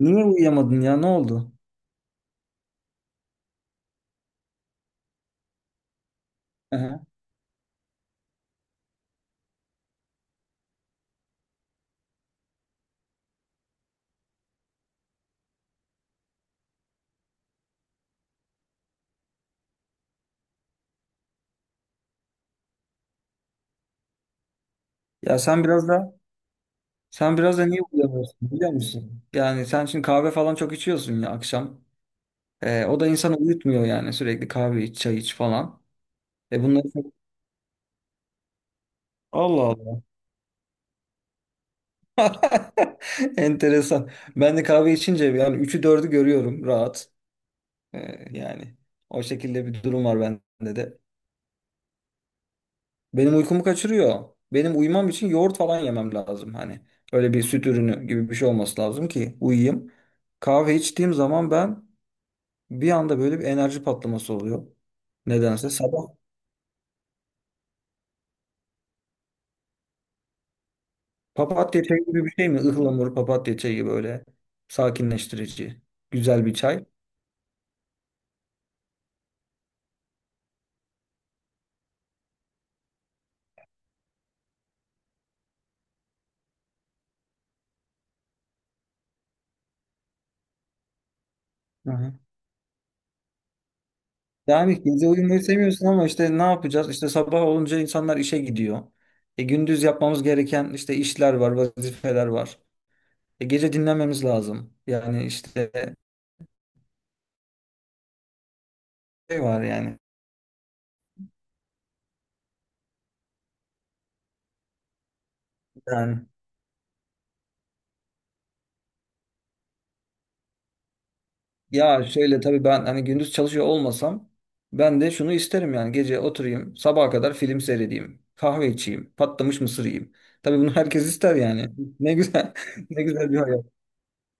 Niye uyuyamadın ya? Ne oldu? Aha. Ya sen biraz da niye uyuyamıyorsun biliyor musun? Yani sen şimdi kahve falan çok içiyorsun ya akşam. O da insanı uyutmuyor yani sürekli kahve iç, çay iç falan. E bunları çok- Allah Allah. Enteresan. Ben de kahve içince yani üçü dördü görüyorum rahat. Yani o şekilde bir durum var bende de. Benim uykumu kaçırıyor. Benim uyumam için yoğurt falan yemem lazım hani. Öyle bir süt ürünü gibi bir şey olması lazım ki uyuyayım. Kahve içtiğim zaman ben bir anda böyle bir enerji patlaması oluyor. Nedense sabah papatya çayı gibi bir şey mi? Ihlamur papatya çayı gibi böyle sakinleştirici. Güzel bir çay. Hı hı. Yani gece uyumayı seviyorsun ama işte ne yapacağız? İşte sabah olunca insanlar işe gidiyor. E, gündüz yapmamız gereken işte işler var, vazifeler var. E, gece dinlenmemiz lazım. Yani işte şey var yani. Yani ya şöyle tabii ben hani gündüz çalışıyor olmasam ben de şunu isterim yani gece oturayım sabaha kadar film seyredeyim. Kahve içeyim. Patlamış mısır yiyeyim. Tabii bunu herkes ister yani. Ne güzel. Ne güzel bir hayat.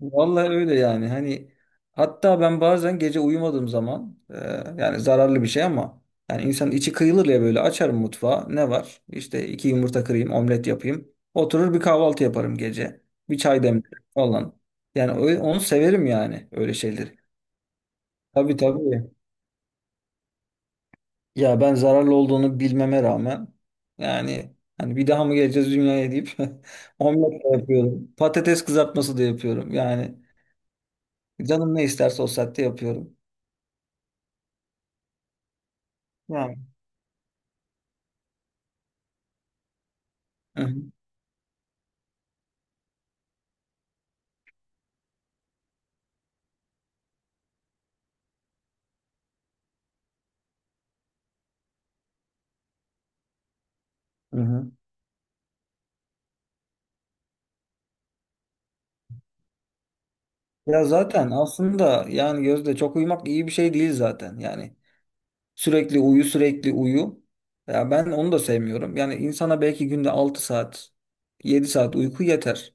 Vallahi öyle yani hani hatta ben bazen gece uyumadığım zaman yani zararlı bir şey ama yani insan içi kıyılır ya böyle açarım mutfağı ne var işte iki yumurta kırayım omlet yapayım oturur bir kahvaltı yaparım gece bir çay demlerim falan yani öyle, onu severim yani öyle şeyleri. Tabii tabii ya ben zararlı olduğunu bilmeme rağmen yani hani bir daha mı geleceğiz dünyaya deyip omlet de yapıyorum patates kızartması da yapıyorum yani canım ne isterse o saatte yapıyorum. Yani. Hı hı. Hı hı. Ya zaten aslında yani Gözde çok uyumak iyi bir şey değil zaten. Yani sürekli uyu sürekli uyu. Ya ben onu da sevmiyorum. Yani insana belki günde 6 saat 7 saat uyku yeter.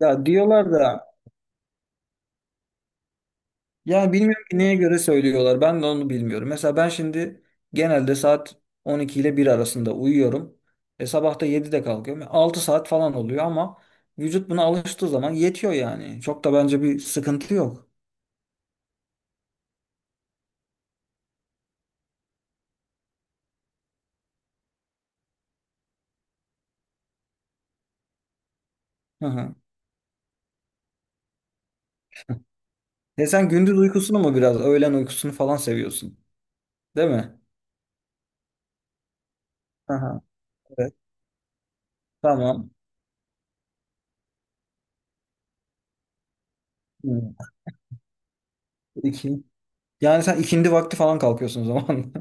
Ya diyorlar da ya bilmiyorum ki neye göre söylüyorlar. Ben de onu bilmiyorum. Mesela ben şimdi genelde saat 12 ile bir arasında uyuyorum. E sabah da 7'de kalkıyorum. E, 6 saat falan oluyor ama vücut buna alıştığı zaman yetiyor yani. Çok da bence bir sıkıntı yok. Hı hı. Ya sen gündüz uykusunu mu biraz, öğlen uykusunu falan seviyorsun, değil mi? Aha, evet. Tamam. Hmm. İki. Yani sen ikindi vakti falan kalkıyorsun o zaman.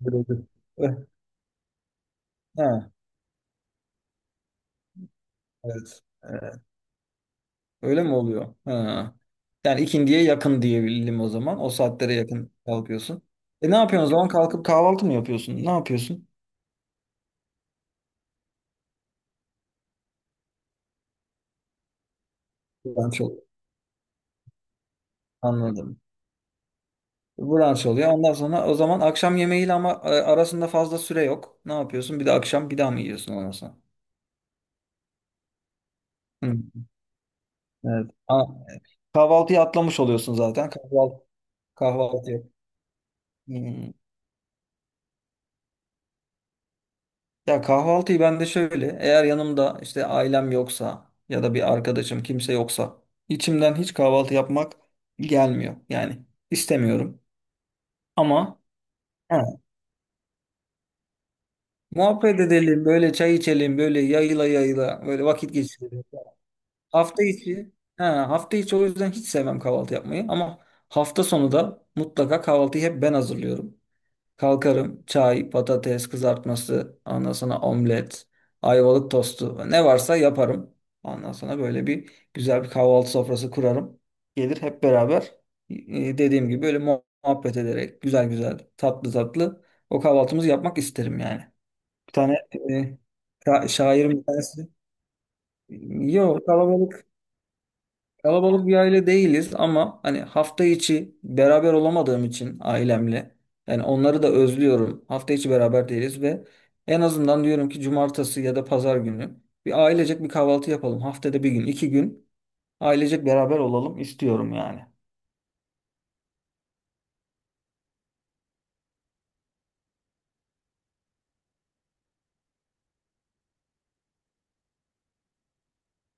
Böyle oluyor. Eh, ha, evet. Evet. Öyle mi oluyor? Ha. Yani ikindiye yakın diyebilirim o zaman. O saatlere yakın kalkıyorsun. E ne yapıyorsun o zaman? Kalkıp kahvaltı mı yapıyorsun? Ne yapıyorsun? Brunch oluyor. Anladım. Brunch oluyor. Ondan sonra o zaman akşam yemeğiyle ama arasında fazla süre yok. Ne yapıyorsun? Bir de akşam bir daha mı yiyorsun ondan sonra? Hı. Evet. Kahvaltıyı atlamış oluyorsun zaten. Kahvaltı, kahvaltı yok. Hmm. Ya kahvaltıyı ben de şöyle, eğer yanımda işte ailem yoksa ya da bir arkadaşım kimse yoksa içimden hiç kahvaltı yapmak gelmiyor. Yani istemiyorum. Ama he, muhabbet edelim, böyle çay içelim, böyle yayıla yayıla, böyle vakit geçirelim. Hafta içi, he, hafta içi o yüzden hiç sevmem kahvaltı yapmayı. Ama hafta sonu da mutlaka kahvaltıyı hep ben hazırlıyorum. Kalkarım çay, patates kızartması, ondan sonra omlet, ayvalık tostu ne varsa yaparım. Ondan sonra böyle bir güzel bir kahvaltı sofrası kurarım. Gelir hep beraber dediğim gibi böyle muhabbet ederek güzel güzel tatlı tatlı o kahvaltımızı yapmak isterim yani. Bir tane e, şairin bir tanesi. Yok, kalabalık bir aile değiliz ama hani hafta içi beraber olamadığım için ailemle yani onları da özlüyorum. Hafta içi beraber değiliz ve en azından diyorum ki cumartesi ya da pazar günü bir ailecek bir kahvaltı yapalım. Haftada bir gün, iki gün ailecek beraber olalım istiyorum yani.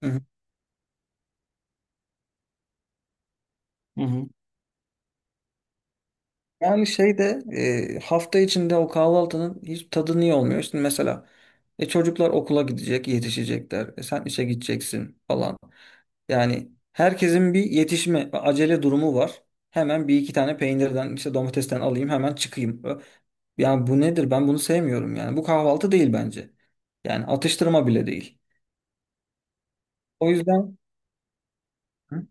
Hı hı. Hı hı. Yani şeyde hafta içinde o kahvaltının hiç tadı niye olmuyor? Şimdi mesela çocuklar okula gidecek, yetişecekler. E, sen işe gideceksin falan. Yani herkesin bir yetişme, acele durumu var. Hemen bir iki tane peynirden, işte domatesten alayım, hemen çıkayım. Yani bu nedir? Ben bunu sevmiyorum yani. Bu kahvaltı değil bence. Yani atıştırma bile değil. O yüzden. Hı?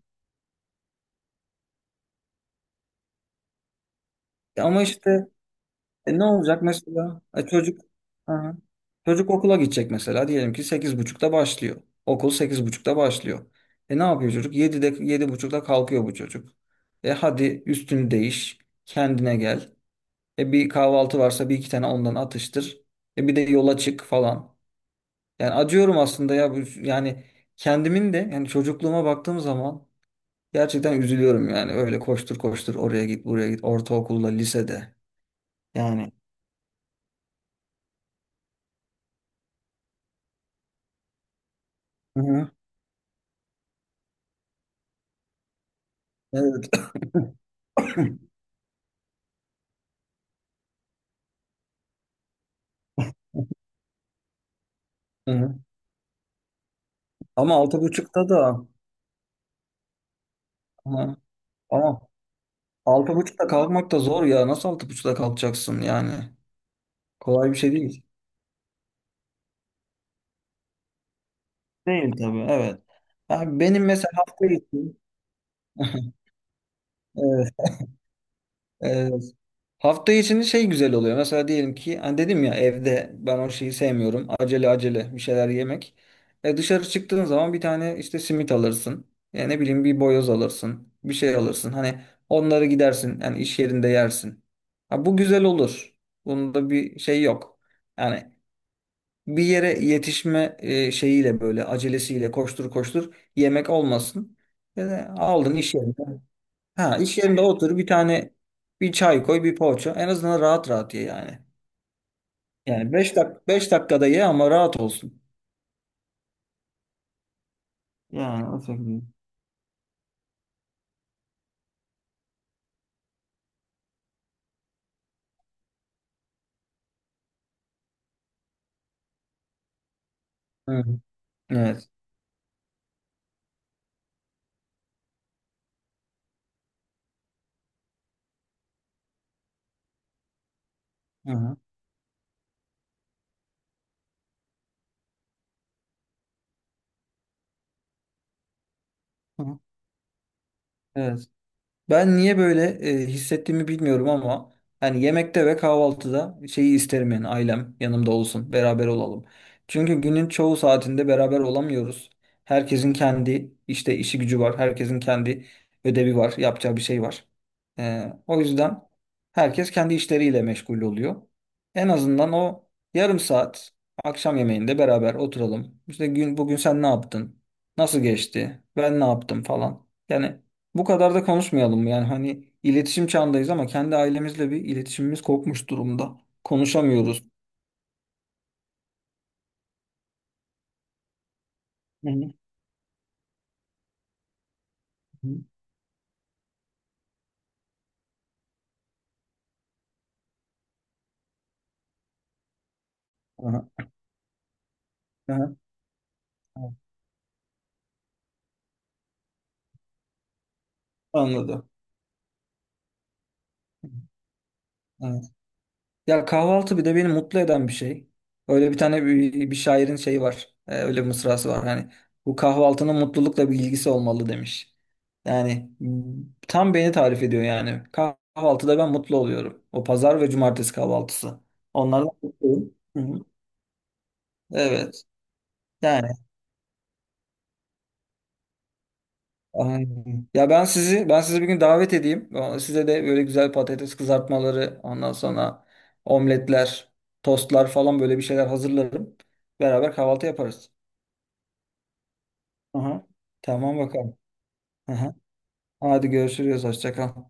Ama işte. E ne olacak mesela? E çocuk Aha. Çocuk okula gidecek mesela. Diyelim ki 8:30'da başlıyor. Okul 8:30'da başlıyor. E ne yapıyor çocuk? 7'de 7:30'da kalkıyor bu çocuk. E hadi üstünü değiş. Kendine gel. E bir kahvaltı varsa bir iki tane ondan atıştır. E bir de yola çık falan. Yani acıyorum aslında ya. Yani kendimin de yani çocukluğuma baktığım zaman gerçekten üzülüyorum yani. Öyle koştur koştur oraya git buraya git ortaokulda lisede. Yani. Hı hı. Evet. Hı hı. Ama altı buçukta da ama, ama altı buçukta kalkmak da zor ya. Nasıl 6:30'da kalkacaksın yani? Kolay bir şey değil. Değil tabii evet. Ya benim mesela hafta içi. Evet, evet. Hafta içinde şey güzel oluyor. Mesela diyelim ki hani dedim ya evde ben o şeyi sevmiyorum. Acele acele bir şeyler yemek. E dışarı çıktığın zaman bir tane işte simit alırsın. Ya ne bileyim bir boyoz alırsın. Bir şey alırsın. Hani onları gidersin. Yani iş yerinde yersin. Ha, bu güzel olur. Bunda bir şey yok. Yani bir yere yetişme şeyiyle böyle acelesiyle koştur koştur yemek olmasın. Yani aldın iş yerinde. Ha, iş yerinde otur bir tane bir çay koy bir poğaça. En azından rahat rahat ye yani. Yani 5 dak 5 dakikada ye ama rahat olsun. Yani o şekilde. Hı. Evet. Hı hı. Hı. Evet. Ben niye böyle hissettiğimi bilmiyorum ama hani yemekte ve kahvaltıda şeyi isterim yani ailem yanımda olsun, beraber olalım. Çünkü günün çoğu saatinde beraber olamıyoruz. Herkesin kendi işte işi gücü var, herkesin kendi ödevi var, yapacağı bir şey var. E, o yüzden herkes kendi işleriyle meşgul oluyor. En azından o yarım saat akşam yemeğinde beraber oturalım. İşte gün bugün sen ne yaptın? Nasıl geçti? Ben ne yaptım falan. Yani bu kadar da konuşmayalım. Yani hani iletişim çağındayız ama kendi ailemizle bir iletişimimiz kopmuş durumda. Konuşamıyoruz. Hı hı. Hı. Aha, aha. Evet. Anladım. Evet. Ya kahvaltı bir de beni mutlu eden bir şey. Öyle bir tane bir şairin şeyi var. Öyle bir mısrası var. Hani bu kahvaltının mutlulukla bir ilgisi olmalı demiş. Yani tam beni tarif ediyor yani. Kahvaltıda ben mutlu oluyorum. O pazar ve cumartesi kahvaltısı. Onlardan mutluyum. Hı hı. Evet. Yani, aynen. Ya ben sizi bir gün davet edeyim. Size de böyle güzel patates kızartmaları, ondan sonra omletler, tostlar falan böyle bir şeyler hazırlarım. Beraber kahvaltı yaparız. Aha. Tamam bakalım. Aha. Hadi görüşürüz. Hoşça kal.